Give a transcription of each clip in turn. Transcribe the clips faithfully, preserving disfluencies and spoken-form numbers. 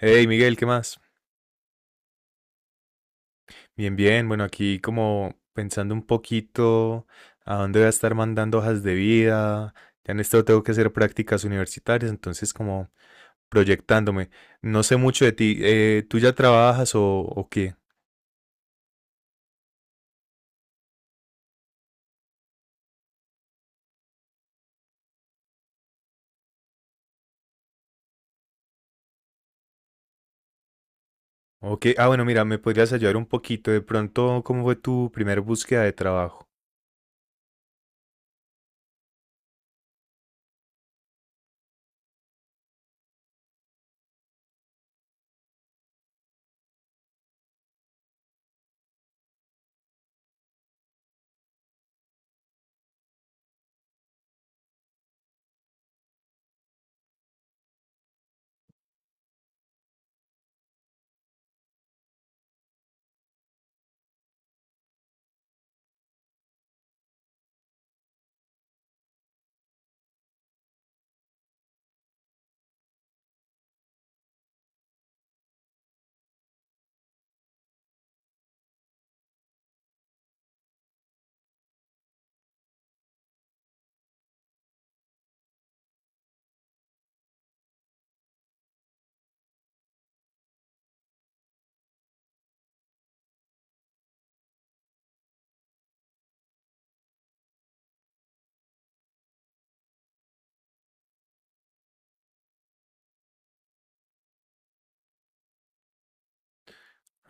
Hey Miguel, ¿qué más? Bien, bien. Bueno, aquí como pensando un poquito a dónde voy a estar mandando hojas de vida. Ya en esto tengo que hacer prácticas universitarias, entonces como proyectándome. No sé mucho de ti. eh, ¿tú ya trabajas o, o qué? ¿O qué? Ah, bueno, mira, me podrías ayudar un poquito. De pronto, ¿cómo fue tu primera búsqueda de trabajo?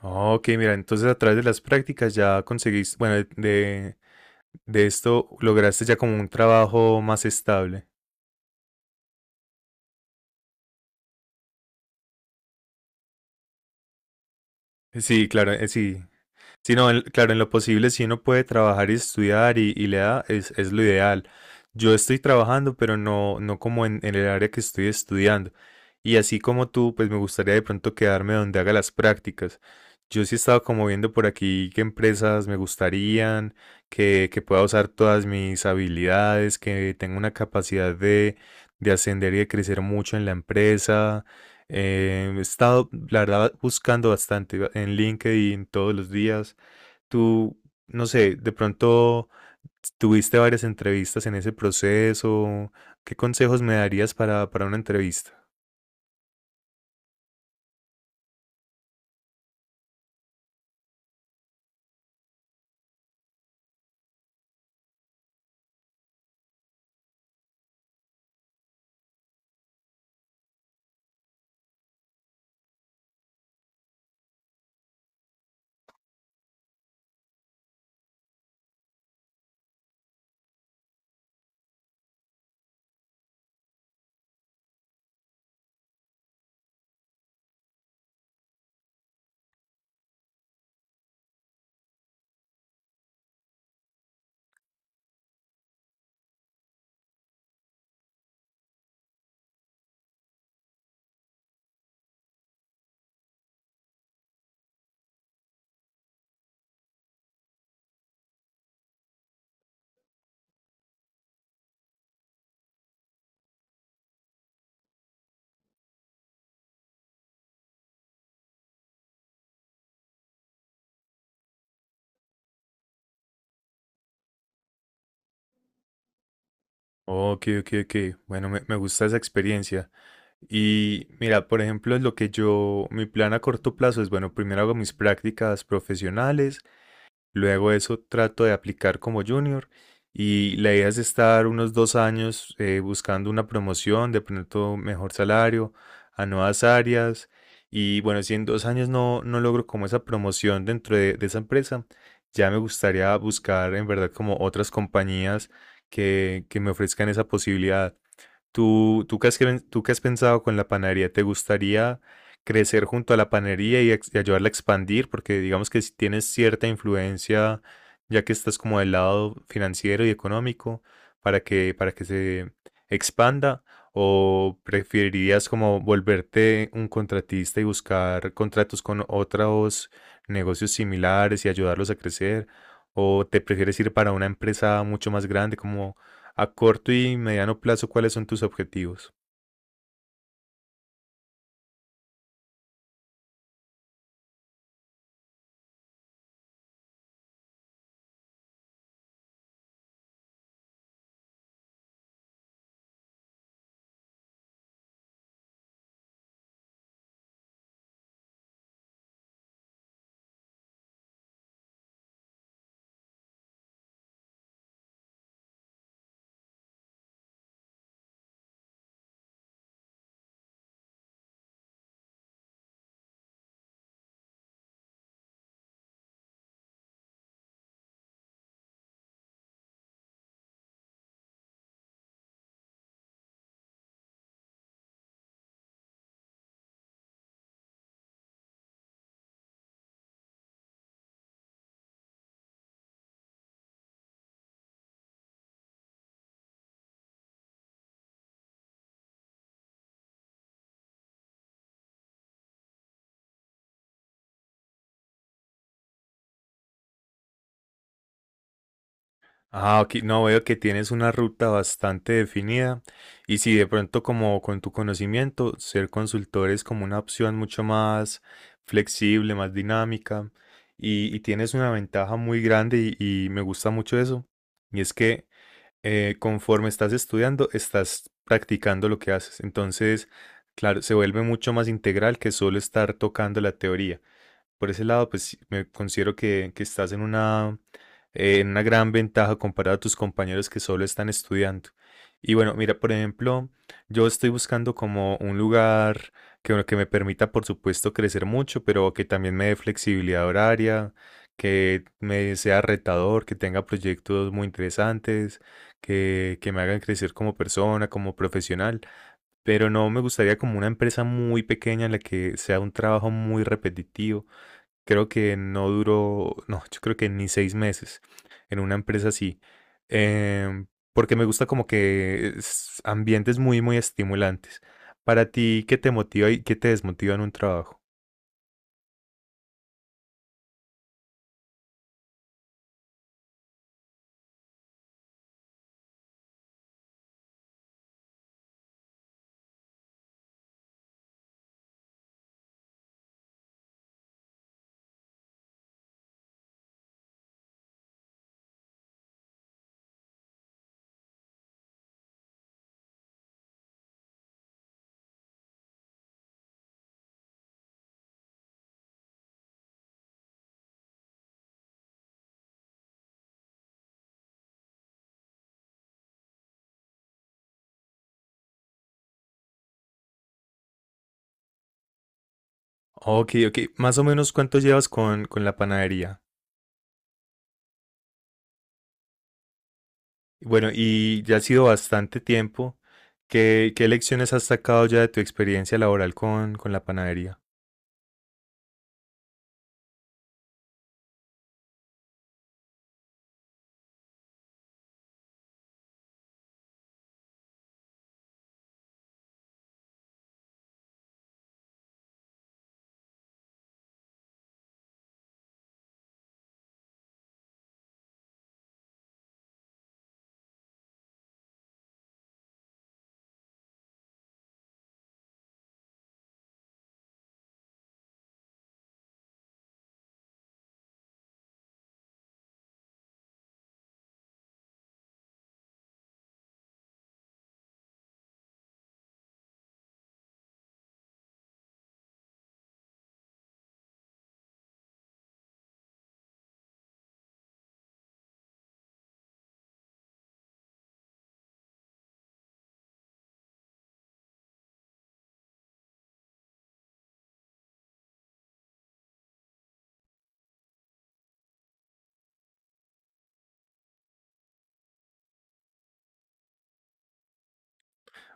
Ah, ok, mira, entonces a través de las prácticas ya conseguiste, bueno, de, de de esto lograste ya como un trabajo más estable. Sí, claro, eh, sí. Sí, no, en- claro, en lo posible, si uno puede trabajar y estudiar y, y le da, es, es lo ideal. Yo estoy trabajando, pero no, no como en, en el área que estoy estudiando. Y así como tú, pues me gustaría de pronto quedarme donde haga las prácticas. Yo sí he estado como viendo por aquí qué empresas me gustarían, que, que pueda usar todas mis habilidades, que tenga una capacidad de, de ascender y de crecer mucho en la empresa. Eh, he estado, la verdad, buscando bastante en LinkedIn todos los días. Tú, no sé, de pronto tuviste varias entrevistas en ese proceso. ¿Qué consejos me darías para, para una entrevista? Ok, ok, ok. Bueno, me, me gusta esa experiencia. Y mira, por ejemplo, lo que yo, mi plan a corto plazo es, bueno, primero hago mis prácticas profesionales. Luego eso trato de aplicar como junior y la idea es estar unos dos años eh, buscando una promoción, de pronto mejor salario, a nuevas áreas. Y bueno, si en dos años no, no logro como esa promoción dentro de, de esa empresa, ya me gustaría buscar en verdad como otras compañías que, que me ofrezcan esa posibilidad. ¿Tú, tú qué has, cre- tú qué has pensado con la panadería? ¿Te gustaría crecer junto a la panadería y, ex- y ayudarla a expandir? Porque digamos que si tienes cierta influencia, ya que estás como del lado financiero y económico, para que, para que se expanda, ¿o preferirías como volverte un contratista y buscar contratos con otros negocios similares y ayudarlos a crecer? ¿O te prefieres ir para una empresa mucho más grande como... A corto y mediano plazo, ¿cuáles son tus objetivos? Ah, ok, no veo que tienes una ruta bastante definida y si de pronto como con tu conocimiento, ser consultor es como una opción mucho más flexible, más dinámica y, y tienes una ventaja muy grande y, y me gusta mucho eso. Y es que eh, conforme estás estudiando, estás practicando lo que haces. Entonces, claro, se vuelve mucho más integral que solo estar tocando la teoría. Por ese lado, pues sí, me considero que, que estás en una, eh, en una gran ventaja comparado a tus compañeros que solo están estudiando. Y bueno, mira, por ejemplo, yo estoy buscando como un lugar que, bueno, que me permita, por supuesto, crecer mucho, pero que también me dé flexibilidad horaria, que me sea retador, que tenga proyectos muy interesantes, que, que me hagan crecer como persona, como profesional. Pero no me gustaría como una empresa muy pequeña en la que sea un trabajo muy repetitivo. Creo que no duró, no, yo creo que ni seis meses en una empresa así, em, porque me gusta como que es ambientes muy, muy estimulantes. Para ti, ¿qué te motiva y qué te desmotiva en un trabajo? Ok, ok. Más o menos cuánto llevas con, con la panadería. Bueno, y ya ha sido bastante tiempo. ¿Qué, qué lecciones has sacado ya de tu experiencia laboral con, con la panadería?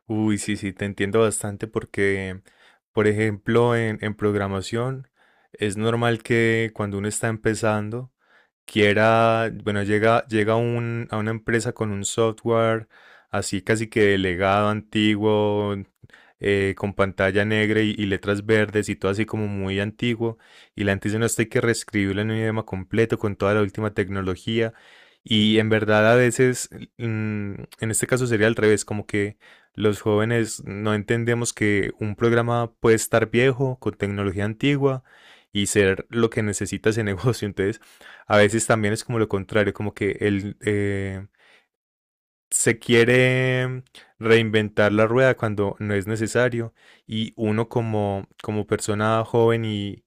Uy, sí, sí, te entiendo bastante porque, por ejemplo, en, en programación es normal que cuando uno está empezando, quiera, bueno, llega, llega a un- a una empresa con un software así casi que delegado, antiguo, eh, con pantalla negra y, y letras verdes y todo así como muy antiguo. Y la gente dice, no, esto hay que reescribirlo en un idioma completo con toda la última tecnología. Y en verdad a veces, mm, en este caso sería al revés, como que los jóvenes no entendemos que un programa puede estar viejo, con tecnología antigua y ser lo que necesita ese negocio. Entonces, a veces también es como lo contrario, como que él eh, se quiere reinventar la rueda cuando no es necesario y uno como, como persona joven y,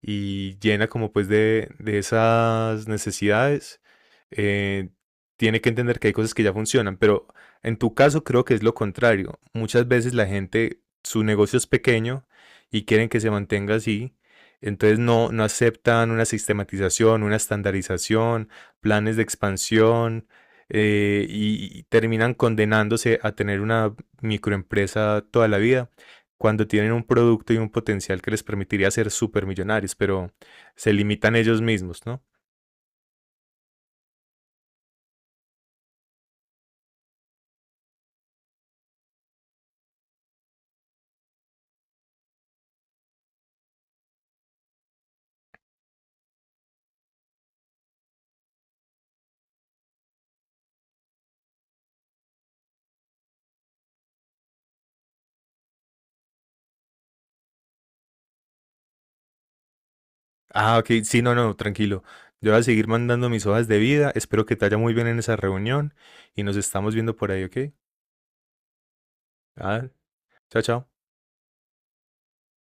y llena como pues de, de esas necesidades, eh, tiene que entender que hay cosas que ya funcionan, pero en tu caso creo que es lo contrario. Muchas veces la gente, su negocio es pequeño y quieren que se mantenga así, entonces no, no aceptan una sistematización, una estandarización, planes de expansión eh, y, y terminan condenándose a tener una microempresa toda la vida cuando tienen un producto y un potencial que les permitiría ser supermillonarios, pero se limitan ellos mismos, ¿no? Ah, ok, sí, no, no, tranquilo. Yo voy a seguir mandando mis hojas de vida. Espero que te vaya muy bien en esa reunión y nos estamos viendo por ahí, ¿ok? Ah, chao, chao.